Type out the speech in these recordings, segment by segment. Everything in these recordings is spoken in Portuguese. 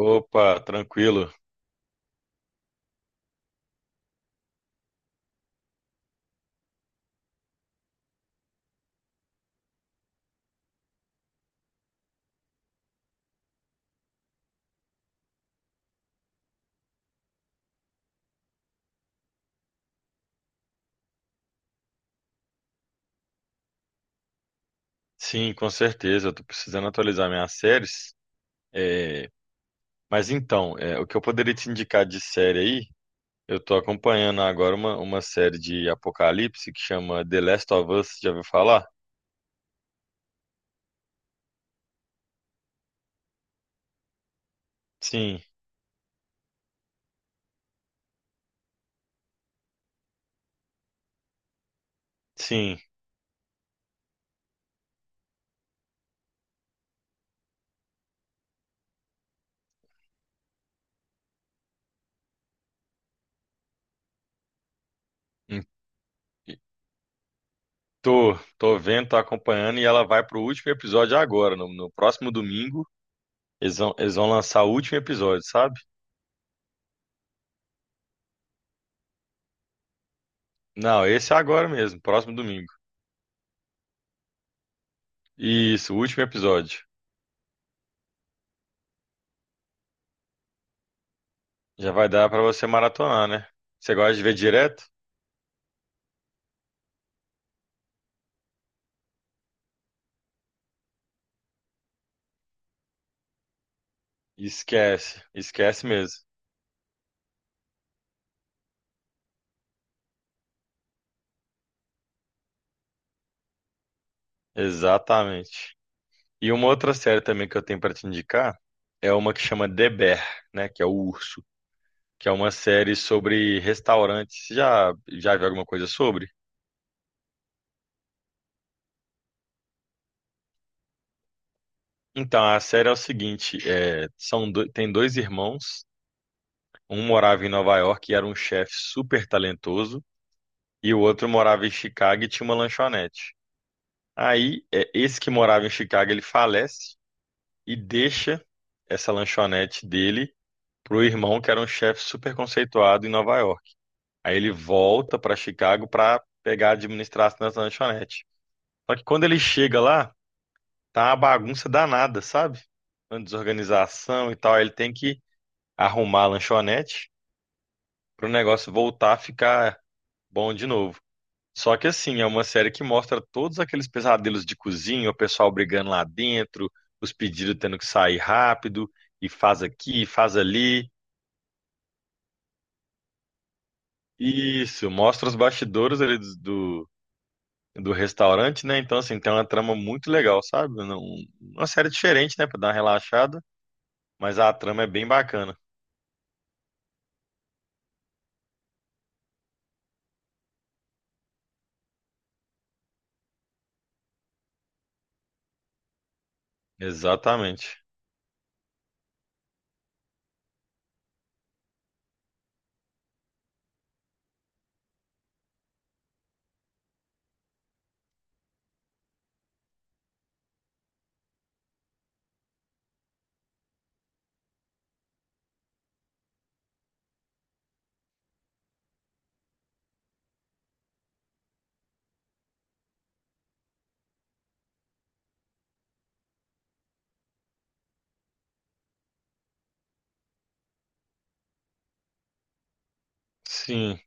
Opa, tranquilo. Sim, com certeza. Eu tô precisando atualizar minhas séries. É, Mas então, o que eu poderia te indicar de série aí? Eu tô acompanhando agora uma série de Apocalipse que chama The Last of Us. Já ouviu falar? Sim, sim. Hum, tô vendo, tô acompanhando e ela vai pro último episódio agora. No próximo domingo, eles vão lançar o último episódio, sabe? Não, esse é agora mesmo, próximo domingo. Isso, o último episódio. Já vai dar pra você maratonar, né? Você gosta de ver direto? Esquece, esquece mesmo. Exatamente. E uma outra série também que eu tenho pra te indicar é uma que chama The Bear, né? Que é o urso, que é uma série sobre restaurantes. Você já viu alguma coisa sobre? Então a série é o seguinte: é, são tem dois irmãos. Um morava em Nova York e era um chefe super talentoso, e o outro morava em Chicago e tinha uma lanchonete. Aí, é, esse que morava em Chicago, ele falece e deixa essa lanchonete dele pro irmão, que era um chefe super conceituado em Nova York. Aí ele volta para Chicago para pegar a administração das lanchonetes. Só que quando ele chega lá, tá uma bagunça danada, sabe? Uma desorganização e tal. Aí ele tem que arrumar a lanchonete pro negócio voltar a ficar bom de novo. Só que assim, é uma série que mostra todos aqueles pesadelos de cozinha, o pessoal brigando lá dentro, os pedidos tendo que sair rápido, e faz aqui, e faz ali. Isso, mostra os bastidores ali do restaurante, né? Então, assim, tem uma trama muito legal, sabe? Uma série diferente, né? Pra dar uma relaxada, mas a trama é bem bacana. Exatamente. Sim,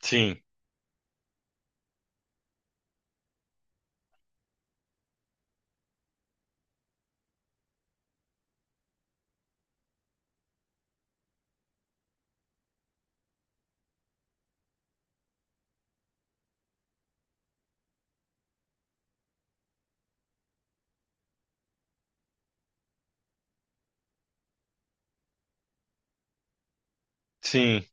sim, sim.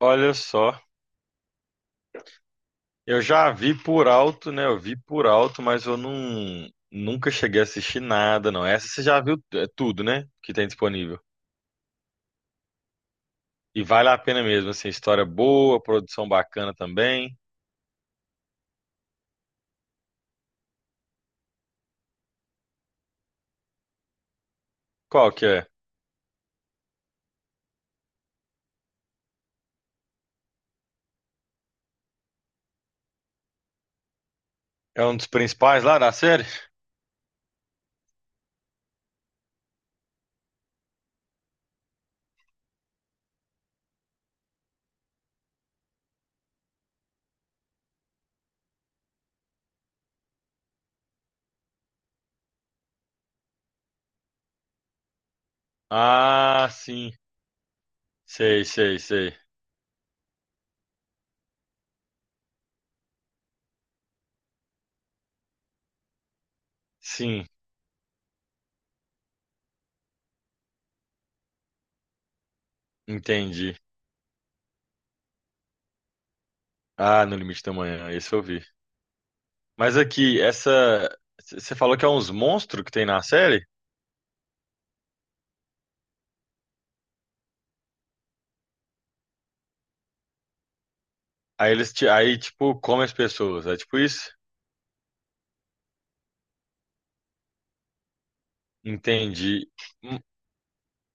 Olha só. Eu já vi por alto, né? Eu vi por alto, mas eu não, nunca cheguei a assistir nada, não. Essa você já viu é, tudo, né? Que tem disponível. E vale a pena mesmo, assim, história boa, produção bacana também. Qual que é? É um dos principais lá da série? Ah, sim. Sei, sei, sei. Sim, entendi. Ah, No Limite da Manhã, esse eu vi. Mas aqui, essa. Você falou que é uns monstros que tem na série? Aí eles te... aí, tipo, comem as pessoas. É tipo isso? Entendi. Hum,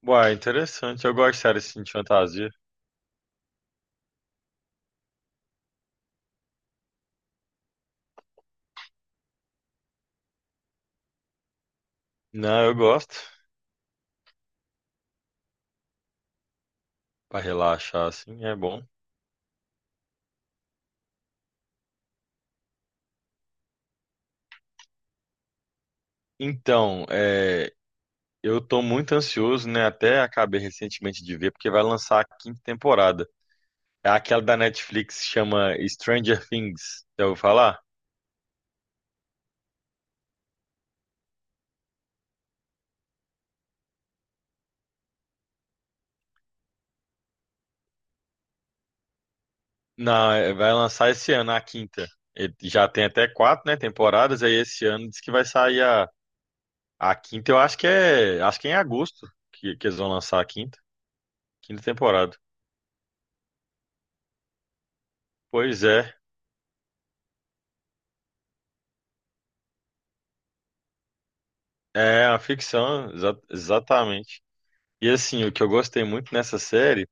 Uai, interessante. Eu gosto de série assim de fantasia. Não, eu gosto. Pra relaxar, assim, é bom. Então, é. Eu tô muito ansioso, né? Até acabei recentemente de ver, porque vai lançar a quinta temporada. É aquela da Netflix chama Stranger Things. Já ouviu falar? Não, vai lançar esse ano a quinta. Ele já tem até quatro, né, temporadas. Aí esse ano diz que vai sair a quinta. Eu acho acho que é em agosto que eles vão lançar a quinta, quinta temporada. Pois é, é uma ficção, exatamente. E assim, o que eu gostei muito nessa série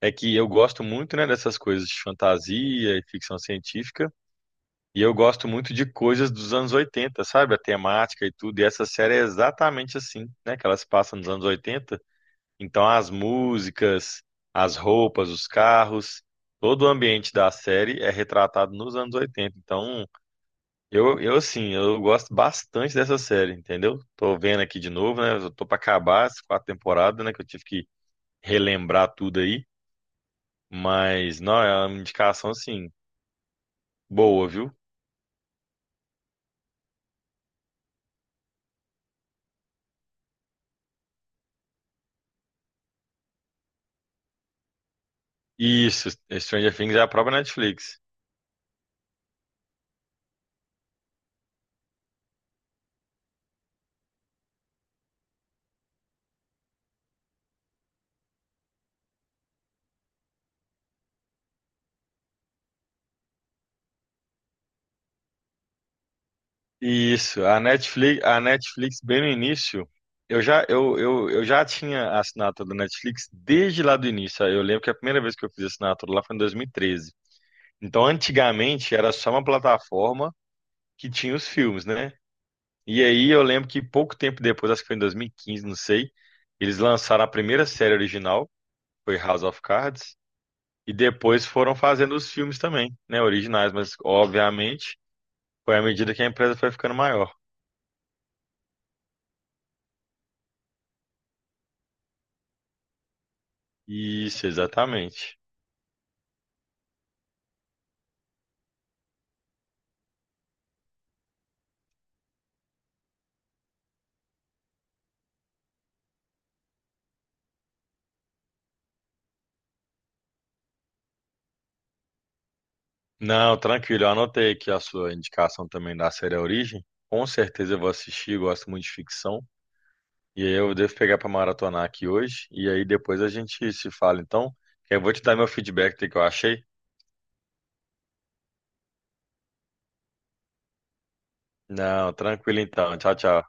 é que eu gosto muito, né, dessas coisas de fantasia e ficção científica. E eu gosto muito de coisas dos anos 80, sabe? A temática e tudo. E essa série é exatamente assim, né? Que elas passam nos anos 80. Então, as músicas, as roupas, os carros, todo o ambiente da série é retratado nos anos 80. Então, eu gosto bastante dessa série, entendeu? Tô vendo aqui de novo, né? Eu tô pra acabar as quatro temporadas, né? Que eu tive que relembrar tudo aí. Mas, não, é uma indicação, assim, boa, viu? Isso, Stranger Things é a própria Netflix. Isso, a Netflix bem no início, eu já tinha a assinatura da Netflix desde lá do início. Eu lembro que a primeira vez que eu fiz assinatura lá foi em 2013. Então, antigamente, era só uma plataforma que tinha os filmes, né? E aí eu lembro que pouco tempo depois, acho que foi em 2015, não sei, eles lançaram a primeira série original, foi House of Cards, e depois foram fazendo os filmes também, né, originais, mas obviamente foi à medida que a empresa foi ficando maior. Isso, exatamente. Não, tranquilo. Eu anotei aqui a sua indicação também da série A Origem. Com certeza eu vou assistir, gosto muito de ficção. E aí eu devo pegar para maratonar aqui hoje. E aí depois a gente se fala, então. Eu vou te dar meu feedback do que eu achei. Não, tranquilo então. Tchau, tchau.